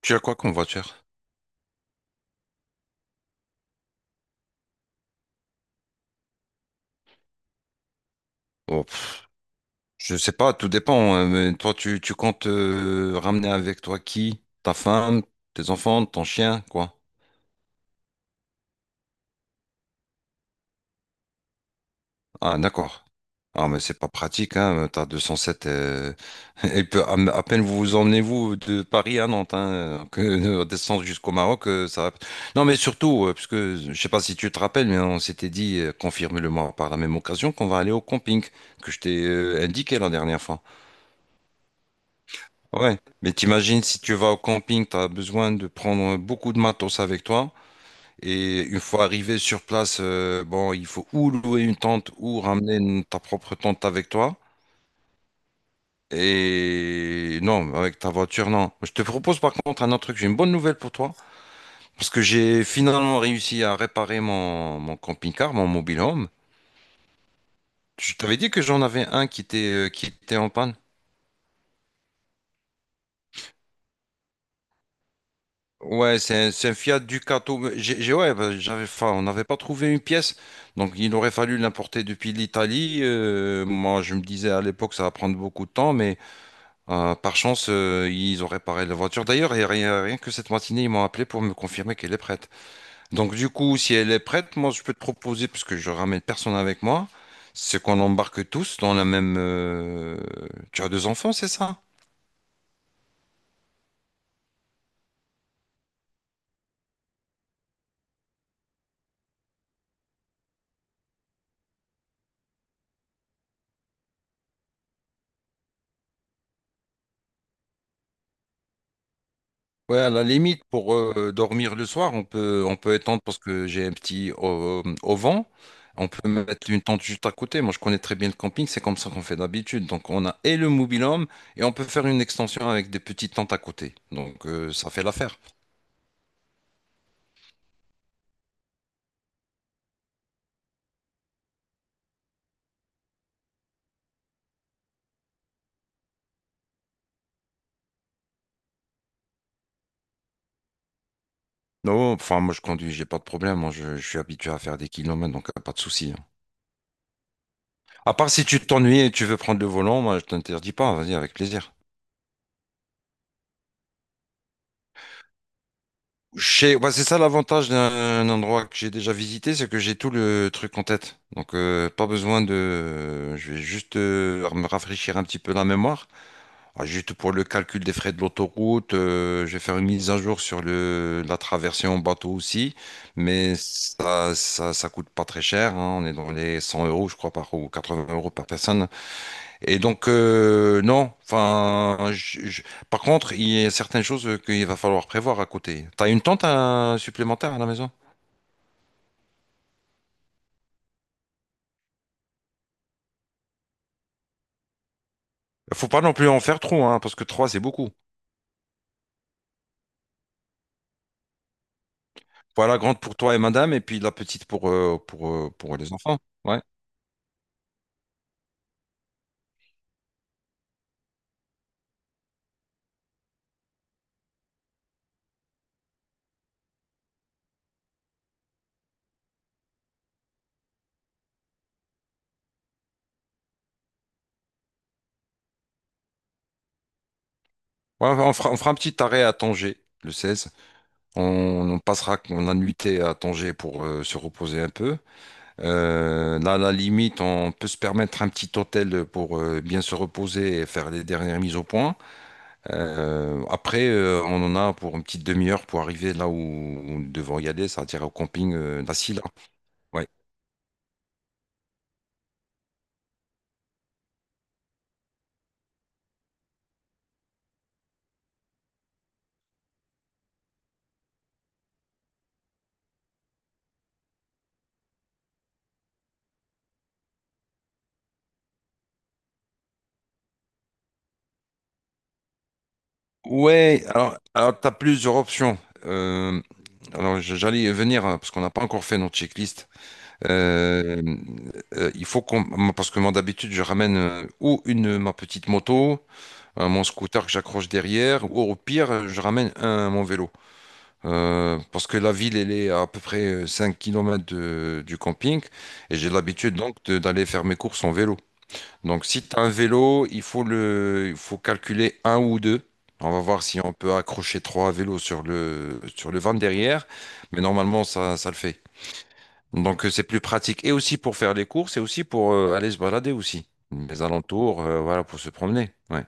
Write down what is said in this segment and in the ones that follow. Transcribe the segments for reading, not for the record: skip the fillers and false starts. Tu as quoi comme voiture? Oh, pff, je sais pas, tout dépend, hein, mais toi, tu comptes ramener avec toi qui? Ta femme, tes enfants, ton chien, quoi? Ah, d'accord. Ah, mais c'est pas pratique, hein. T'as 207. Elle peut, à peine vous vous emmenez, vous, de Paris à Nantes, hein, que descendre jusqu'au Maroc. Non, mais surtout, parce que je sais pas si tu te rappelles, mais on s'était dit, confirme-le-moi par la même occasion, qu'on va aller au camping que je t'ai indiqué la dernière fois. Ouais, mais t'imagines si tu vas au camping, tu as besoin de prendre beaucoup de matos avec toi. Et une fois arrivé sur place, bon, il faut ou louer une tente ou ramener ta propre tente avec toi. Et non, avec ta voiture, non. Je te propose par contre un autre truc. J'ai une bonne nouvelle pour toi. Parce que j'ai finalement réussi à réparer mon camping-car, mon mobile home. Je t'avais dit que j'en avais un qui était en panne. Ouais, c'est un Fiat Ducato. Mais ouais, bah, j'avais, enfin, on n'avait pas trouvé une pièce, donc il aurait fallu l'importer depuis l'Italie. Moi, je me disais à l'époque, ça va prendre beaucoup de temps, mais par chance, ils ont réparé la voiture. D'ailleurs, et rien, rien que cette matinée, ils m'ont appelé pour me confirmer qu'elle est prête. Donc, du coup, si elle est prête, moi, je peux te proposer, parce que je ramène personne avec moi, c'est qu'on embarque tous dans la même. Tu as deux enfants, c'est ça? Ouais, à la limite, pour dormir le soir, on peut étendre parce que j'ai un petit au vent. On peut mettre une tente juste à côté. Moi, je connais très bien le camping, c'est comme ça qu'on fait d'habitude. Donc, on a et le mobil-home et on peut faire une extension avec des petites tentes à côté. Donc, ça fait l'affaire. Non, enfin, moi, je conduis, j'ai pas de problème. Moi, je suis habitué à faire des kilomètres, donc pas de souci, hein. À part si tu t'ennuies et tu veux prendre le volant, moi, je t'interdis pas. Vas-y, avec plaisir. Ouais, c'est ça l'avantage d'un endroit que j'ai déjà visité, c'est que j'ai tout le truc en tête. Donc, pas besoin de. Je vais juste me rafraîchir un petit peu la mémoire. Ah, juste pour le calcul des frais de l'autoroute, je vais faire une mise à jour sur la traversée en bateau aussi. Mais ça coûte pas très cher, hein. On est dans les 100 euros, je crois, par... ou 80 euros par personne. Et donc, non, enfin, par contre, il y a certaines choses qu'il va falloir prévoir à côté. T'as une tente supplémentaire à la maison? Faut pas non plus en faire trop, hein, parce que trois, c'est beaucoup. Voilà, la grande pour toi et madame, et puis la petite pour, pour les enfants. Ouais. Ouais, on fera un petit arrêt à Tanger, le 16. On, on passera la nuitée à Tanger pour se reposer un peu. Là, à la limite, on peut se permettre un petit hôtel pour bien se reposer et faire les dernières mises au point. Après, on en a pour une petite demi-heure pour arriver là où nous devons y aller, c'est-à-dire au camping d'Assila. Ouais. Ouais, alors tu as plusieurs options. Euh, alors, j'allais y venir, hein, parce qu'on n'a pas encore fait notre checklist. Euh, il faut qu'on. Parce que moi, d'habitude, je ramène ou ma petite moto, mon scooter que j'accroche derrière, ou au pire, je ramène mon vélo. Parce que la ville, elle est à, peu près 5 kilomètres du camping et j'ai l'habitude donc d'aller faire mes courses en vélo. Donc si tu as un vélo, il faut calculer un ou deux. On va voir si on peut accrocher trois vélos sur le van derrière, mais normalement ça le fait. Donc c'est plus pratique et aussi pour faire les courses et aussi pour aller se balader aussi. Les alentours, voilà, pour se promener. Ouais.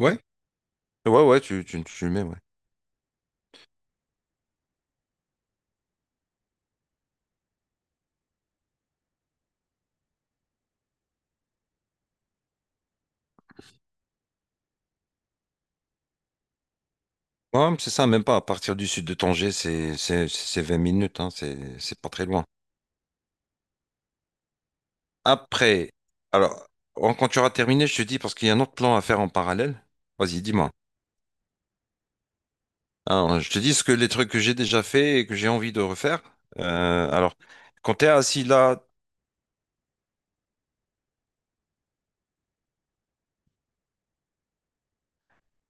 Ouais, ouais, ouais, tu le mets, ouais. Ouais, c'est ça, même pas. À partir du sud de Tanger, c'est 20 minutes, hein, c'est pas très loin. Après, alors, quand tu auras terminé, je te dis, parce qu'il y a un autre plan à faire en parallèle. Vas-y, dis-moi. Alors, je te dis ce que les trucs que j'ai déjà fait et que j'ai envie de refaire. Alors, quand tu es à Silla,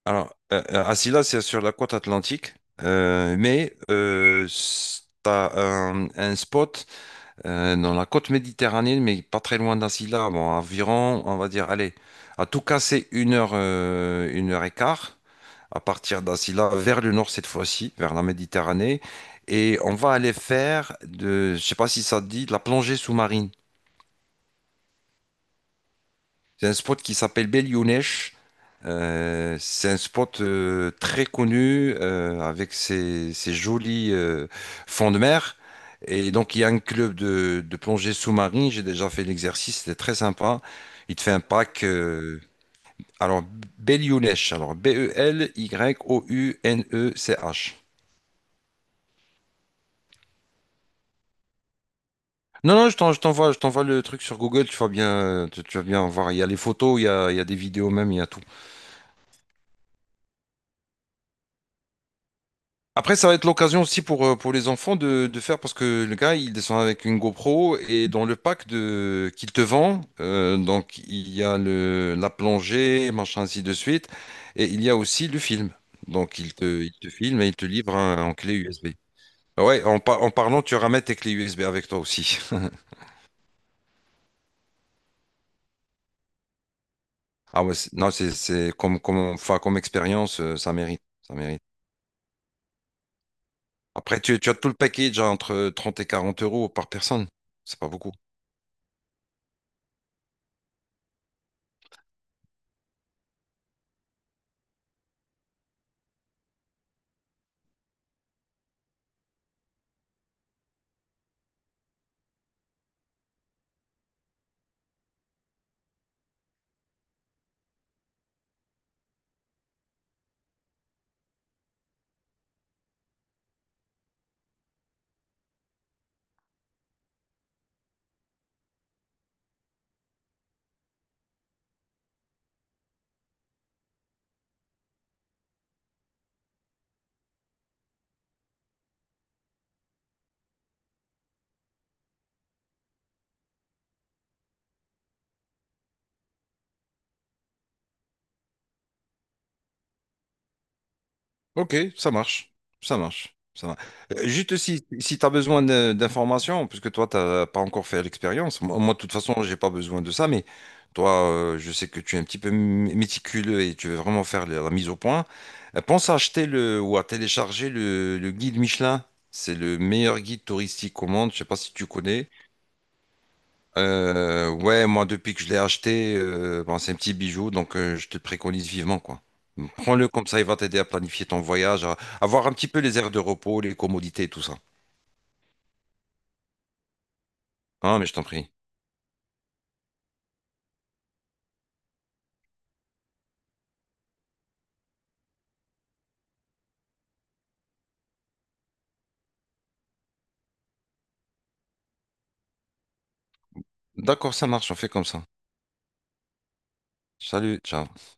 alors, assis c'est sur la côte atlantique, mais tu as un spot dans la côte méditerranéenne, mais pas très loin d'Asila, bon, environ, on va dire, allez, à tout casser une heure et quart à partir d'Asila vers le nord cette fois-ci, vers la Méditerranée, et on va aller faire de, je sais pas si ça te dit, de la plongée sous-marine. C'est un spot qui s'appelle Belyounesh. C'est un spot très connu avec ses jolis fonds de mer. Et donc, il y a un club de plongée sous-marine. J'ai déjà fait l'exercice, c'était très sympa. Il te fait un pack. Alors, Belyounesh. Alors, Belyounech. Non, non, je t'envoie le truc sur Google. Tu vas bien, tu vas bien voir. Il y a les photos, il y a des vidéos même, il y a tout. Après, ça va être l'occasion aussi pour les enfants de faire, parce que le gars, il descend avec une GoPro et dans le pack qu'il te vend, donc il y a la plongée, machin, ainsi de suite, et il y a aussi le film. Donc il te filme et il te livre en clé USB. Ah ouais, en, en parlant, tu ramènes tes clés USB avec toi aussi. Ah ouais, non, c'est enfin, comme expérience, ça mérite, ça mérite. Après, tu as tout le package à entre 30 et 40 euros par personne. C'est pas beaucoup. Ok, ça marche. Ça marche. Ça va. Juste si tu as besoin d'informations, puisque toi, tu n'as pas encore fait l'expérience. Moi, de toute façon, j'ai pas besoin de ça, mais toi, je sais que tu es un petit peu méticuleux et tu veux vraiment faire la mise au point. Pense à acheter ou à télécharger le guide Michelin. C'est le meilleur guide touristique au monde. Je sais pas si tu connais. Ouais, moi, depuis que je l'ai acheté, bon, c'est un petit bijou, donc je te le préconise vivement, quoi. Prends-le comme ça, il va t'aider à planifier ton voyage, à avoir un petit peu les aires de repos, les commodités et tout ça. Ah, mais je t'en prie. D'accord, ça marche, on fait comme ça. Salut, ciao.